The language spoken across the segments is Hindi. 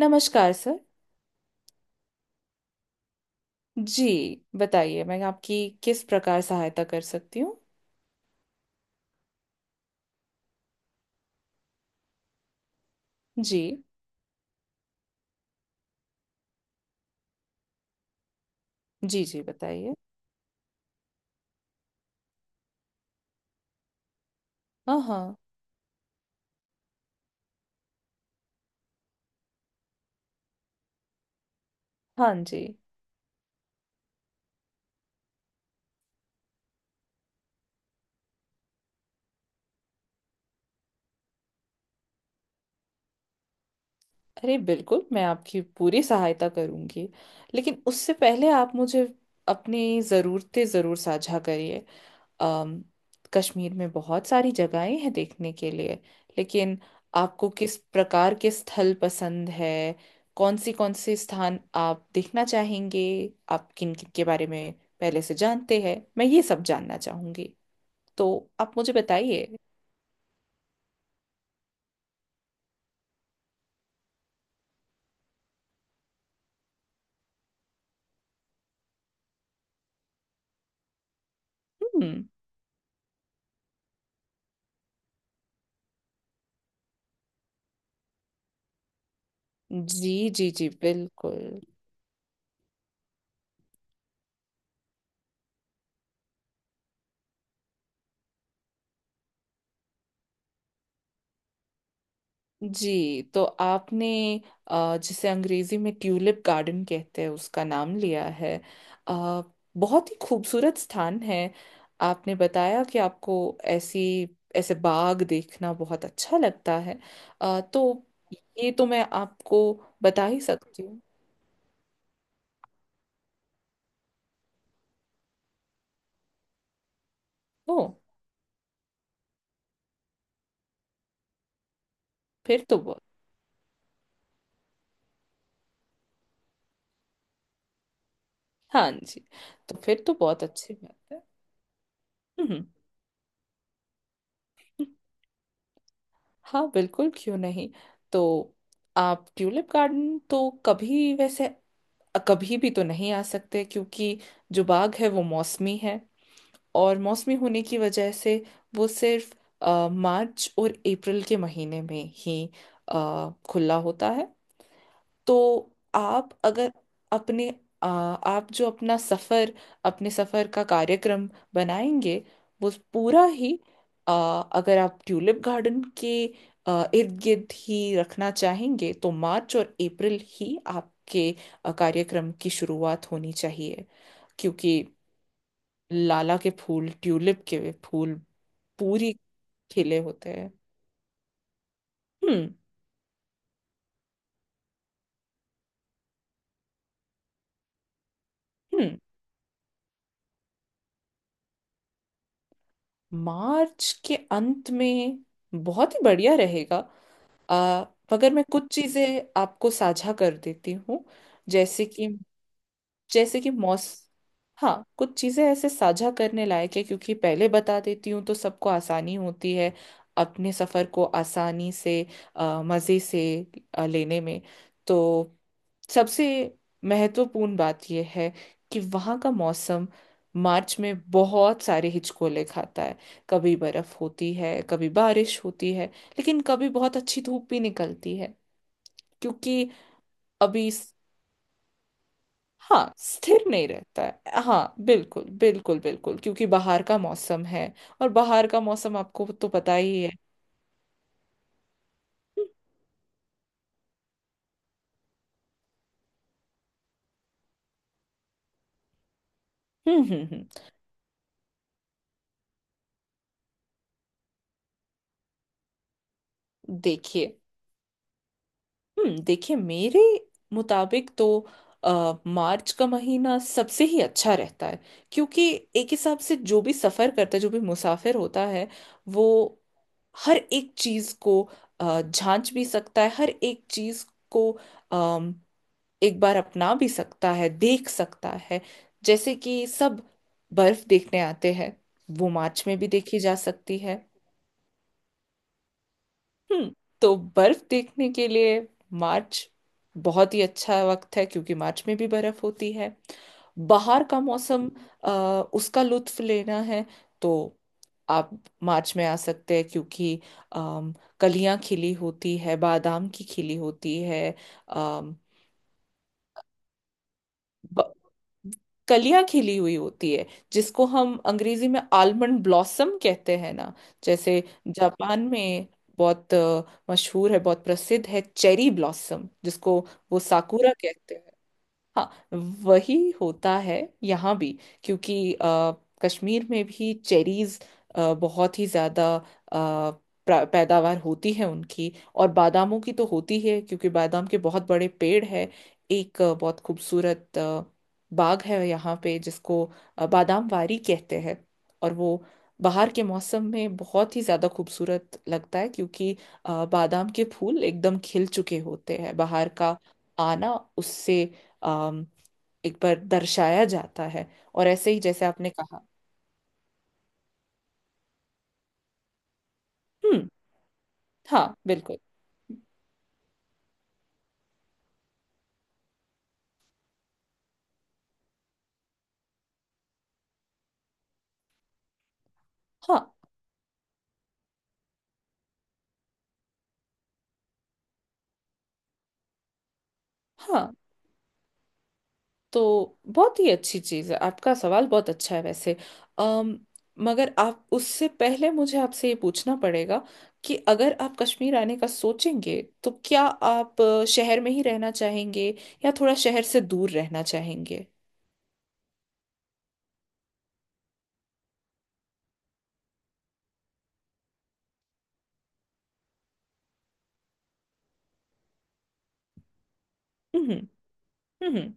नमस्कार सर। जी, बताइए, मैं आपकी किस प्रकार सहायता कर सकती हूँ। जी जी जी, बताइए। हाँ हाँ। हाँ जी। अरे बिल्कुल, मैं आपकी पूरी सहायता करूँगी, लेकिन उससे पहले आप मुझे अपनी ज़रूरतें ज़रूर साझा करिए। अम, कश्मीर में बहुत सारी जगहें हैं देखने के लिए, लेकिन आपको किस प्रकार के स्थल पसंद है? कौन सी, कौन से स्थान आप देखना चाहेंगे? आप किन किन के बारे में पहले से जानते हैं, मैं ये सब जानना चाहूंगी। तो आप मुझे बताइए। हम्म। जी जी जी बिल्कुल। जी, तो आपने जिसे अंग्रेजी में ट्यूलिप गार्डन कहते हैं उसका नाम लिया है। अ, बहुत ही खूबसूरत स्थान है। आपने बताया कि आपको ऐसी ऐसे बाग देखना बहुत अच्छा लगता है। तो ये तो मैं आपको बता ही सकती हूँ। ओ। फिर तो बहुत। हाँ जी। तो फिर तो बहुत अच्छी बात है। हम्म। हाँ बिल्कुल, क्यों नहीं। तो आप ट्यूलिप गार्डन तो कभी वैसे, कभी भी तो नहीं आ सकते, क्योंकि जो बाग है वो मौसमी है। और मौसमी होने की वजह से वो सिर्फ मार्च और अप्रैल के महीने में ही खुला होता है। तो आप अगर अपने आप जो अपना सफर, अपने सफर का कार्यक्रम बनाएंगे, वो पूरा ही अगर आप ट्यूलिप गार्डन के इर्द गिर्द ही रखना चाहेंगे, तो मार्च और अप्रैल ही आपके कार्यक्रम की शुरुआत होनी चाहिए, क्योंकि लाला के फूल, ट्यूलिप के फूल पूरी खिले होते हैं। हम्म। हम्म। मार्च के अंत में बहुत ही बढ़िया रहेगा। आ, मगर मैं कुछ चीजें आपको साझा कर देती हूँ। जैसे कि जैसे कि मौस हाँ, कुछ चीजें ऐसे साझा करने लायक है, क्योंकि पहले बता देती हूँ तो सबको आसानी होती है अपने सफर को आसानी से मजे से लेने में। तो सबसे महत्वपूर्ण बात यह है कि वहाँ का मौसम मार्च में बहुत सारे हिचकोले खाता है। कभी बर्फ होती है, कभी बारिश होती है, लेकिन कभी बहुत अच्छी धूप भी निकलती है। क्योंकि अभी स- हाँ, स्थिर नहीं रहता है, हाँ बिल्कुल बिल्कुल बिल्कुल, क्योंकि बाहर का मौसम है। और बाहर का मौसम आपको तो पता ही है। हम्म। हम्म। हम्म। देखिए। हम्म, देखिए, मेरे मुताबिक तो मार्च का महीना सबसे ही अच्छा रहता है, क्योंकि एक हिसाब से जो भी सफ़र करता है, जो भी मुसाफिर होता है, वो हर एक चीज़ को झांच भी सकता है। हर एक चीज़ को अम, एक बार अपना भी सकता है, देख सकता है। जैसे कि सब बर्फ़ देखने आते हैं, वो मार्च में भी देखी जा सकती है। हम्म। तो बर्फ देखने के लिए मार्च बहुत ही अच्छा वक्त है, क्योंकि मार्च में भी बर्फ होती है। बाहर का मौसम, अ, उसका लुत्फ लेना है तो आप मार्च में आ सकते हैं, क्योंकि अम, कलियां खिली होती है, बादाम की खिली होती है। ब- कलियां खिली हुई होती है, जिसको हम अंग्रेजी में आलमंड ब्लॉसम कहते हैं ना। जैसे जापान में बहुत मशहूर है, बहुत प्रसिद्ध है चेरी ब्लॉसम, जिसको वो साकुरा कहते हैं। हाँ, वही होता है यहाँ भी, क्योंकि कश्मीर में भी चेरीज बहुत ही ज़्यादा पैदावार होती है उनकी, और बादामों की तो होती है, क्योंकि बादाम के बहुत बड़े पेड़ है। एक बहुत खूबसूरत बाग है यहाँ पे, जिसको बादाम वारी कहते हैं। और वो बाहर के मौसम में बहुत ही ज़्यादा खूबसूरत लगता है, क्योंकि बादाम के फूल एकदम खिल चुके होते हैं। बाहर का आना उससे अम, एक बार दर्शाया जाता है। और ऐसे ही जैसे आपने कहा। हम्म। हाँ बिल्कुल। हाँ हाँ। तो बहुत ही अच्छी चीज़ है, आपका सवाल बहुत अच्छा है वैसे। अम मगर आप, उससे पहले मुझे आपसे ये पूछना पड़ेगा कि अगर आप कश्मीर आने का सोचेंगे तो क्या आप शहर में ही रहना चाहेंगे, या थोड़ा शहर से दूर रहना चाहेंगे? हम्म। हम्म। हम्म।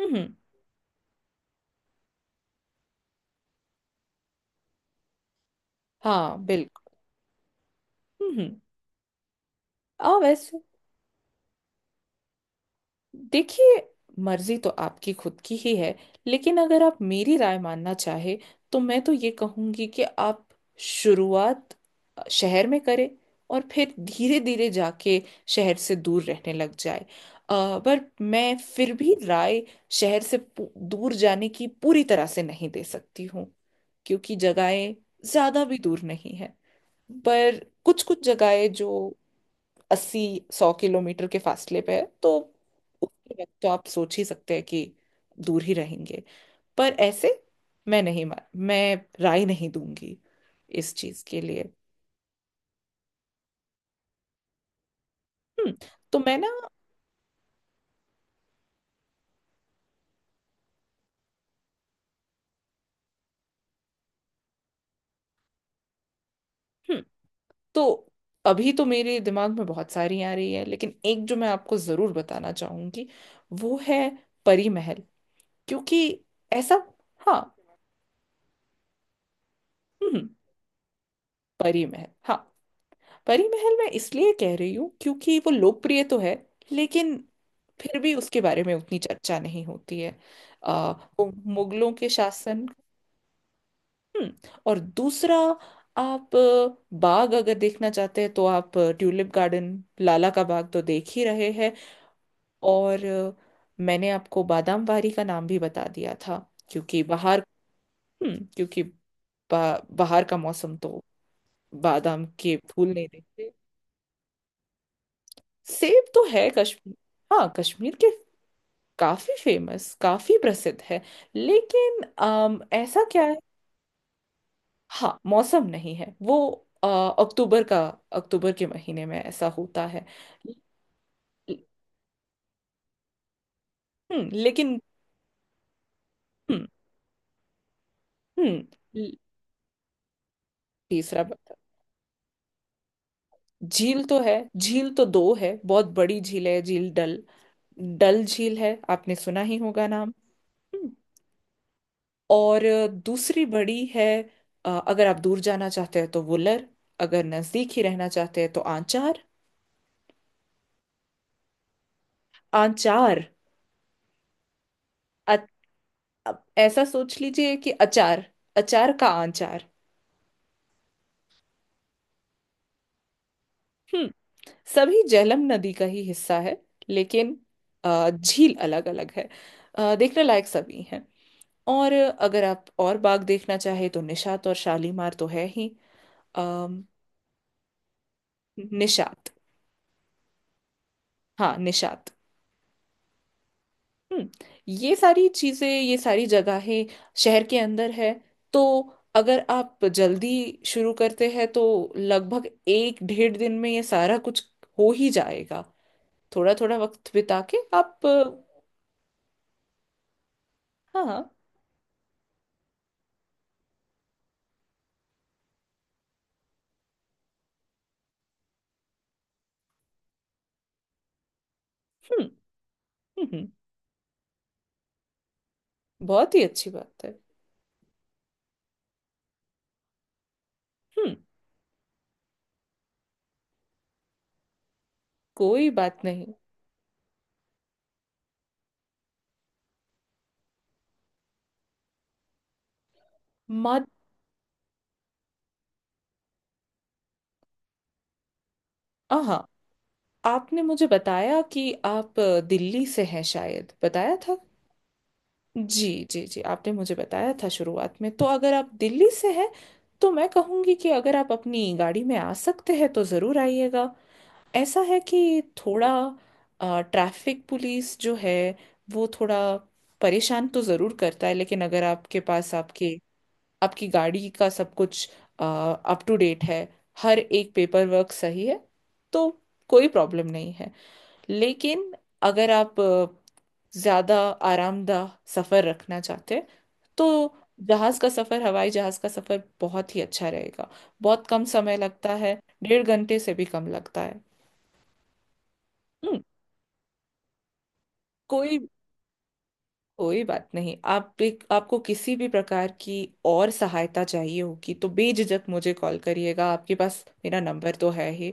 हम्म, हाँ बिल्कुल। हम्म। आ वैसे देखिए, मर्जी तो आपकी खुद की ही है, लेकिन अगर आप मेरी राय मानना चाहे तो मैं तो ये कहूंगी कि आप शुरुआत शहर में करें, और फिर धीरे धीरे जाके शहर से दूर रहने लग जाए। पर मैं फिर भी राय शहर से दूर जाने की पूरी तरह से नहीं दे सकती हूँ, क्योंकि जगहें ज्यादा भी दूर नहीं है। पर कुछ कुछ जगहें जो 80-100 किलोमीटर के फासले पे है, तो उसके वक्त तो आप सोच ही सकते हैं कि दूर ही रहेंगे। पर ऐसे मैं मैं राय नहीं दूंगी इस चीज के लिए। हम्म। तो मैं ना। हम्म। तो अभी तो मेरे दिमाग में बहुत सारी आ रही है, लेकिन एक जो मैं आपको जरूर बताना चाहूंगी वो है परी महल, क्योंकि ऐसा। हाँ। हम्म। परी महल, हाँ। परी महल मैं इसलिए कह रही हूँ क्योंकि वो लोकप्रिय तो है, लेकिन फिर भी उसके बारे में उतनी चर्चा नहीं होती है। आ, वो मुगलों के शासन। हम्म, और दूसरा, आप बाग अगर देखना चाहते हैं तो आप ट्यूलिप गार्डन, लाला का बाग तो देख ही रहे हैं। और मैंने आपको बादाम वारी का नाम भी बता दिया था, क्योंकि बाहर। हम्म, क्योंकि बाहर का मौसम तो बादाम के फूल नहीं देते। सेब तो है कश्मीर। हाँ, कश्मीर के। काफी फेमस, काफी प्रसिद्ध है, लेकिन ऐसा क्या है। हाँ, मौसम नहीं है वो। अ, अक्टूबर का, अक्टूबर के महीने में ऐसा होता है। लेकिन। हम्म। हम्म। तीसरा बता- झील तो है, झील तो दो है, बहुत बड़ी झील है, झील डल। डल झील है, आपने सुना ही होगा नाम। हम्म, और दूसरी बड़ी है, अगर आप दूर जाना चाहते हैं तो वुलर, अगर नजदीक ही रहना चाहते हैं तो आंचार। आंचार। अ- अब ऐसा सोच लीजिए कि अचार, अचार का आंचार। हम्म। सभी झेलम नदी का ही हिस्सा है, लेकिन झील अलग अलग है। देखने लायक सभी हैं। और अगर आप और बाग देखना चाहे तो निशात और शालीमार तो है ही। अम, निशात। हाँ, निशात। हम्म, ये सारी चीजें, ये सारी जगहें शहर के अंदर है। तो अगर आप जल्दी शुरू करते हैं तो लगभग 1-1.5 दिन में ये सारा कुछ हो ही जाएगा। थोड़ा थोड़ा वक्त बिता के आप हाँ हाँ। हम्म। हम्म। बहुत ही अच्छी बात है। हम्म, कोई बात नहीं। मत। हाँ हाँ, आपने मुझे बताया कि आप दिल्ली से हैं, शायद बताया था। जी जी जी, आपने मुझे बताया था शुरुआत में। तो अगर आप दिल्ली से हैं तो मैं कहूँगी कि अगर आप अपनी गाड़ी में आ सकते हैं तो ज़रूर आइएगा। ऐसा है कि थोड़ा ट्रैफिक पुलिस जो है, वो थोड़ा परेशान तो ज़रूर करता है, लेकिन अगर आपके पास, आपके, आपकी गाड़ी का सब कुछ अप टू डेट है, हर एक पेपर वर्क सही है, तो कोई प्रॉब्लम नहीं है। लेकिन अगर आप ज़्यादा आरामदाह सफ़र रखना चाहते हैं तो जहाज का सफर, हवाई जहाज का सफर बहुत ही अच्छा रहेगा। बहुत कम समय लगता है, 1.5 घंटे से भी कम लगता है। हम्म। कोई कोई बात नहीं। आप, एक आपको किसी भी प्रकार की और सहायता चाहिए होगी तो बेझिझक मुझे कॉल करिएगा, आपके पास मेरा नंबर तो है ही।